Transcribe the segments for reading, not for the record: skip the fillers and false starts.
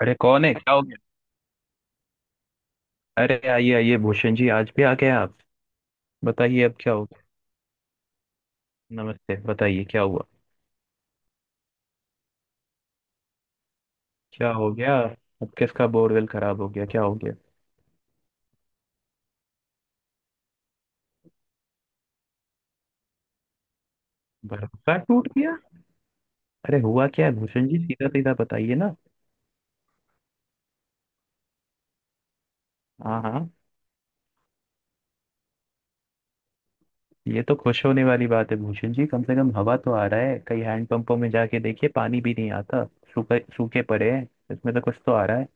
अरे कौन है, क्या हो गया? अरे आइए आइए भूषण जी, आज भी आ गए आप। बताइए, अब क्या हो गया? नमस्ते, बताइए क्या हुआ। क्या हो गया? अब किसका बोरवेल खराब हो गया, क्या हो गया? भरोसा टूट गया? अरे हुआ क्या है भूषण जी, सीधा सीधा बताइए ना। हाँ हाँ। ये तो खुश होने वाली बात है भूषण जी, कम से कम हवा तो आ रहा है। कई हैंडपंपों में जाके देखिए, पानी भी नहीं आता। सूखे सूखे पड़े हैं। इसमें तो कुछ तो आ रहा है।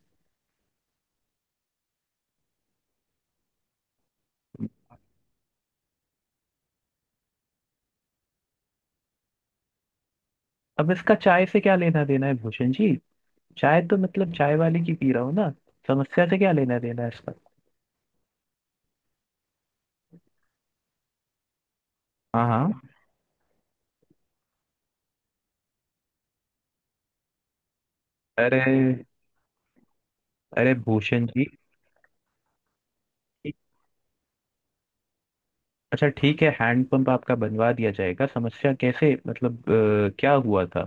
अब इसका चाय से क्या लेना देना है भूषण जी? चाय तो मतलब चाय वाली की पी रहा हूँ ना। समस्या से क्या लेना देना है इसका? हाँ हाँ। अरे। अरे भूषण जी। अच्छा ठीक है, हैंडपंप आपका बनवा दिया जाएगा। समस्या कैसे, मतलब क्या हुआ था?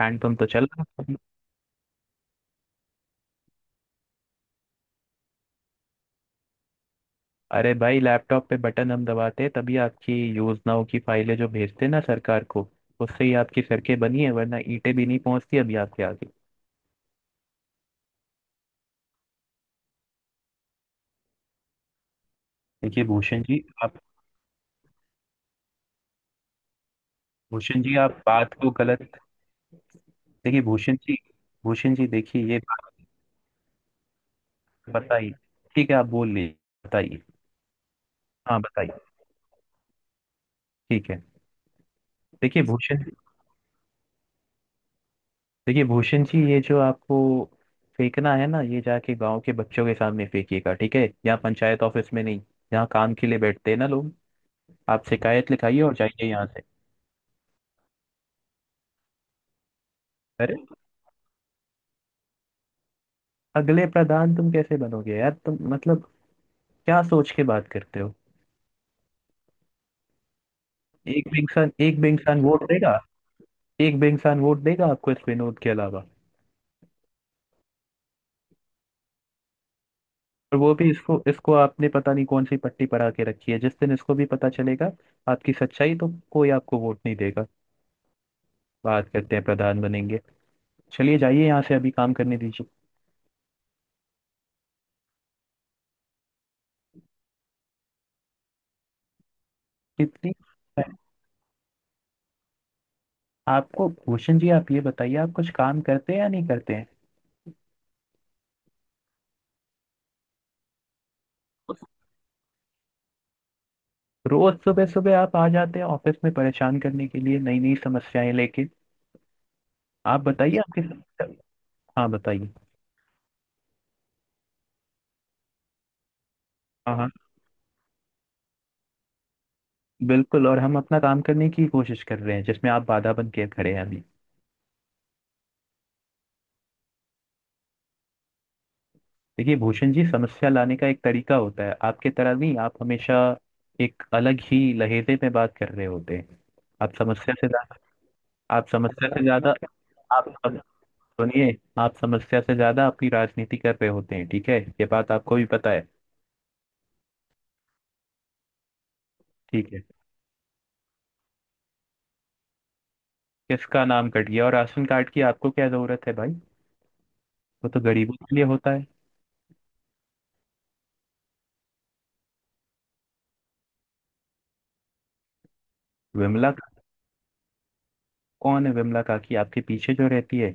हैंडपंप तो चल रहा था। अरे भाई, लैपटॉप पे बटन हम दबाते हैं तभी आपकी योजनाओं की फाइलें जो भेजते हैं ना सरकार को, उससे ही आपकी सड़कें बनी है। वरना ईंटें भी नहीं पहुंचती अभी आपके आगे। देखिए भूषण जी आप बात को गलत। देखिए भूषण जी देखिए ये बात। बताइए। ठीक है, आप बोल लीजिए। बताइए। हाँ बताइए। ठीक है। देखिए भूषण देखिए भूषण जी, ये जो आपको फेंकना है ना, ये जाके गांव के बच्चों के सामने फेंकिएगा, ठीक है? यहाँ पंचायत ऑफिस में नहीं। यहाँ काम के लिए बैठते हैं ना लोग। आप शिकायत लिखाइए और जाइए यहाँ से। अरे अगले प्रधान तुम कैसे बनोगे यार? तुम मतलब क्या सोच के बात करते हो? एक भी इंसान वोट देगा? एक भी इंसान वोट देगा आपको इस विनोद के अलावा? और वो भी, इसको इसको आपने पता नहीं कौन सी पट्टी पर आके रखी है। जिस दिन इसको भी पता चलेगा आपकी सच्चाई, तो कोई आपको वोट नहीं देगा। बात करते हैं प्रधान बनेंगे। चलिए जाइए यहाँ से, अभी काम करने दीजिए। इतनी आपको, भूषण जी आप ये बताइए, आप कुछ काम करते हैं या नहीं करते हैं? रोज सुबह सुबह आप आ जाते हैं ऑफिस में परेशान करने के लिए नई नई समस्याएं लेके। आप बताइए आपकी समस्या। हाँ बताइए। हाँ हाँ, बिल्कुल। और हम अपना काम करने की कोशिश कर रहे हैं, जिसमें आप बाधा बन के खड़े हैं अभी। देखिए भूषण जी, समस्या लाने का एक तरीका होता है, आपके तरह नहीं। आप हमेशा एक अलग ही लहजे में बात कर रहे होते हैं। आप समस्या से ज्यादा आप समस्या से ज्यादा आप सुनिए। आप समस्या से ज्यादा अपनी राजनीति कर रहे होते हैं, ठीक है? ये बात आपको भी पता है। ठीक है। किसका नाम कट गया? और राशन कार्ड की आपको क्या जरूरत है भाई? वो तो गरीबों के लिए होता है। विमला का? कौन है विमला काकी, आपके पीछे जो रहती है?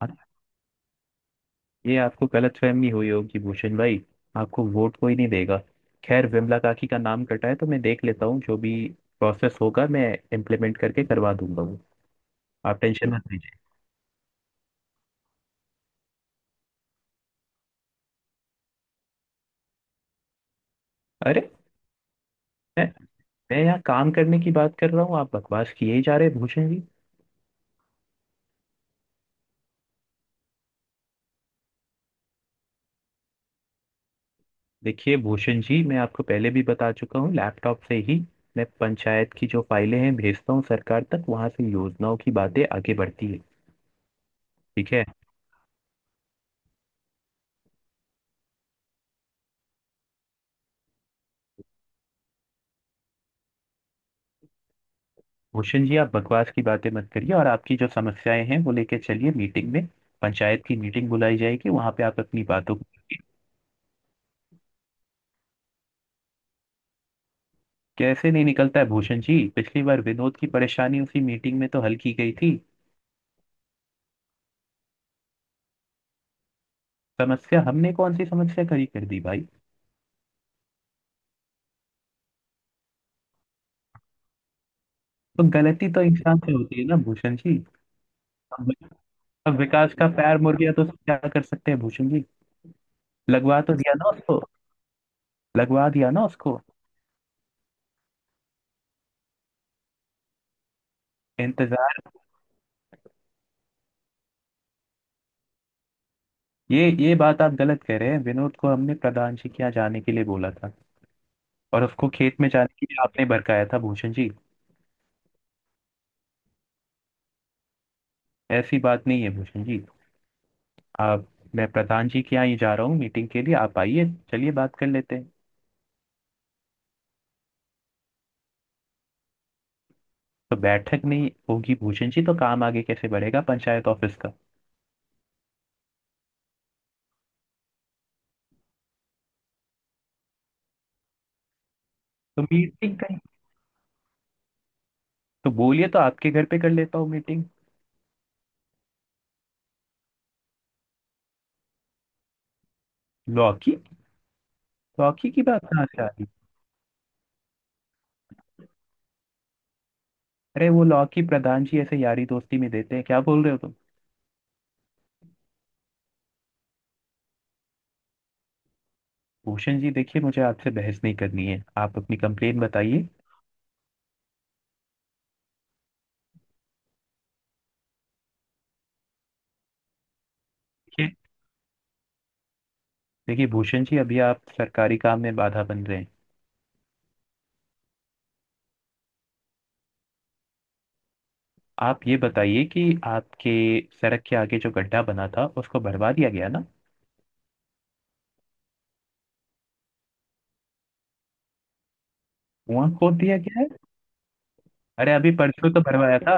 हाँ। ये आपको गलतफहमी हुई होगी भूषण भाई, आपको वोट कोई नहीं देगा। खैर, विमला काकी का नाम कटा है तो मैं देख लेता हूँ। जो भी प्रोसेस होगा, मैं इम्प्लीमेंट करके करवा दूंगा वो। आप टेंशन मत लीजिए। अरे, मैं मैं यहाँ काम करने की बात कर रहा हूँ, आप बकवास किए ही जा रहे हैं भूषण जी। देखिए भूषण जी, मैं आपको पहले भी बता चुका हूँ, लैपटॉप से ही मैं पंचायत की जो फाइलें हैं भेजता हूँ सरकार तक, वहां से योजनाओं की बातें आगे बढ़ती है। ठीक है भूषण जी, आप बकवास की बातें मत करिए, और आपकी जो समस्याएं हैं वो लेके चलिए मीटिंग में। पंचायत की मीटिंग बुलाई जाएगी, वहां पे आप अपनी बातों को। कैसे नहीं निकलता है भूषण जी? पिछली बार विनोद की परेशानी उसी मीटिंग में तो हल की गई थी। समस्या, हमने कौन सी समस्या खड़ी कर दी भाई? तो गलती तो इंसान से होती है ना भूषण जी। हम। अब विकास का पैर मुड़ गया तो उसको क्या कर सकते हैं भूषण जी? लगवा तो दिया ना उसको। लगवा दिया ना उसको। इंतजार। ये बात आप गलत कह रहे हैं। विनोद को हमने प्रधान जी के यहाँ जाने के लिए बोला था, और उसको खेत में जाने के लिए आपने भड़काया था भूषण जी। ऐसी बात नहीं है भूषण जी। आप, मैं प्रधान जी के यहाँ ही जा रहा हूँ मीटिंग के लिए, आप आइए। चलिए बात कर लेते हैं। तो बैठक नहीं होगी भूषण जी, तो काम आगे कैसे बढ़ेगा पंचायत ऑफिस का? तो मीटिंग कहीं, तो बोलिए तो आपके घर पे कर लेता हूँ मीटिंग। लौकी? लौकी की बात कहाँ से आ रही है? अरे वो लॉकी प्रधान जी ऐसे यारी दोस्ती में देते हैं? क्या बोल रहे हो तुम? भूषण जी देखिए, मुझे आपसे बहस नहीं करनी है, आप अपनी कंप्लेन बताइए। देखिए देखिए भूषण जी, अभी आप सरकारी काम में बाधा बन रहे हैं। आप ये बताइए कि आपके सड़क के आगे जो गड्ढा बना था, उसको भरवा दिया गया ना? कुआं खोद दिया गया है। अरे अभी परसों तो भरवाया था।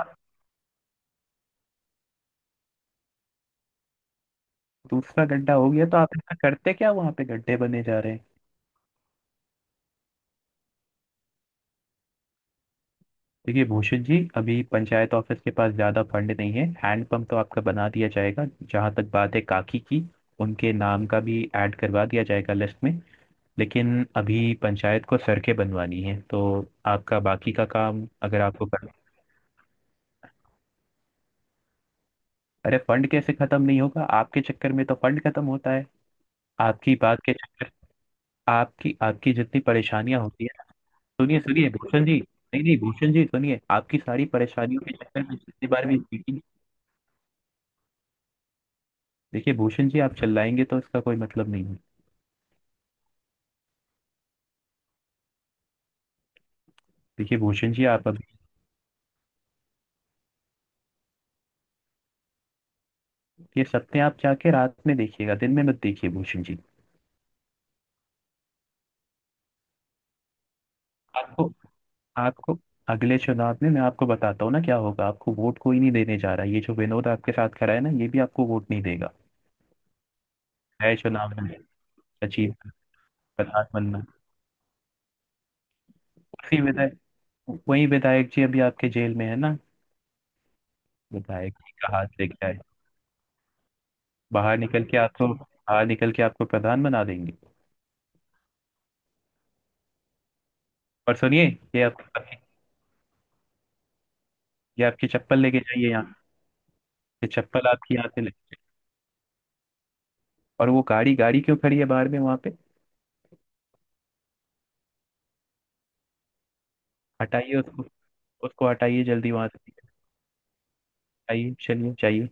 दूसरा गड्ढा हो गया, तो आप ऐसा करते क्या वहां पे गड्ढे बने जा रहे हैं? देखिए भूषण जी, अभी पंचायत ऑफिस के पास ज़्यादा फंड नहीं है। हैंडपम्प तो आपका बना दिया जाएगा। जहाँ तक बात है काकी की, उनके नाम का भी ऐड करवा दिया जाएगा लिस्ट में। लेकिन अभी पंचायत को सड़कें बनवानी है तो आपका बाकी का काम, अगर आपको करना। अरे फंड कैसे ख़त्म नहीं होगा, आपके चक्कर में तो फंड ख़त्म होता है। आपकी बात के चक्कर, आपकी आपकी जितनी परेशानियां होती है। सुनिए सुनिए भूषण जी। नहीं नहीं भूषण जी सुनिए, आपकी सारी परेशानियों के चक्कर में जितनी बार भी मीटिंग। देखिए भूषण जी, आप चिल्लाएंगे तो इसका कोई मतलब नहीं है। देखिए भूषण जी, आप अभी, ये सत्य आप जाके रात में देखिएगा, दिन में मत देखिए भूषण जी। आपको आपको अगले चुनाव में मैं आपको बताता हूँ ना क्या होगा। आपको वोट कोई नहीं देने जा रहा है। ये जो विनोद आपके साथ खड़ा है ना, ये भी आपको वोट नहीं देगा। नए चुनाव में सचिव, प्रधान बनना। उसी विधायक वही विधायक जी अभी आपके जेल में है ना? विधायक जी का हाथ लग गया है। बाहर निकल के आपको प्रधान बना देंगे। और सुनिए, ये आपकी ये आपकी चप्पल लेके जाइए यहाँ। ये चप्पल आपकी यहाँ से लगी। और वो गाड़ी गाड़ी क्यों खड़ी है बाहर में वहां पे? हटाइए उसको। उसको हटाइए जल्दी वहां से। हटाइए चलिए चाहिए।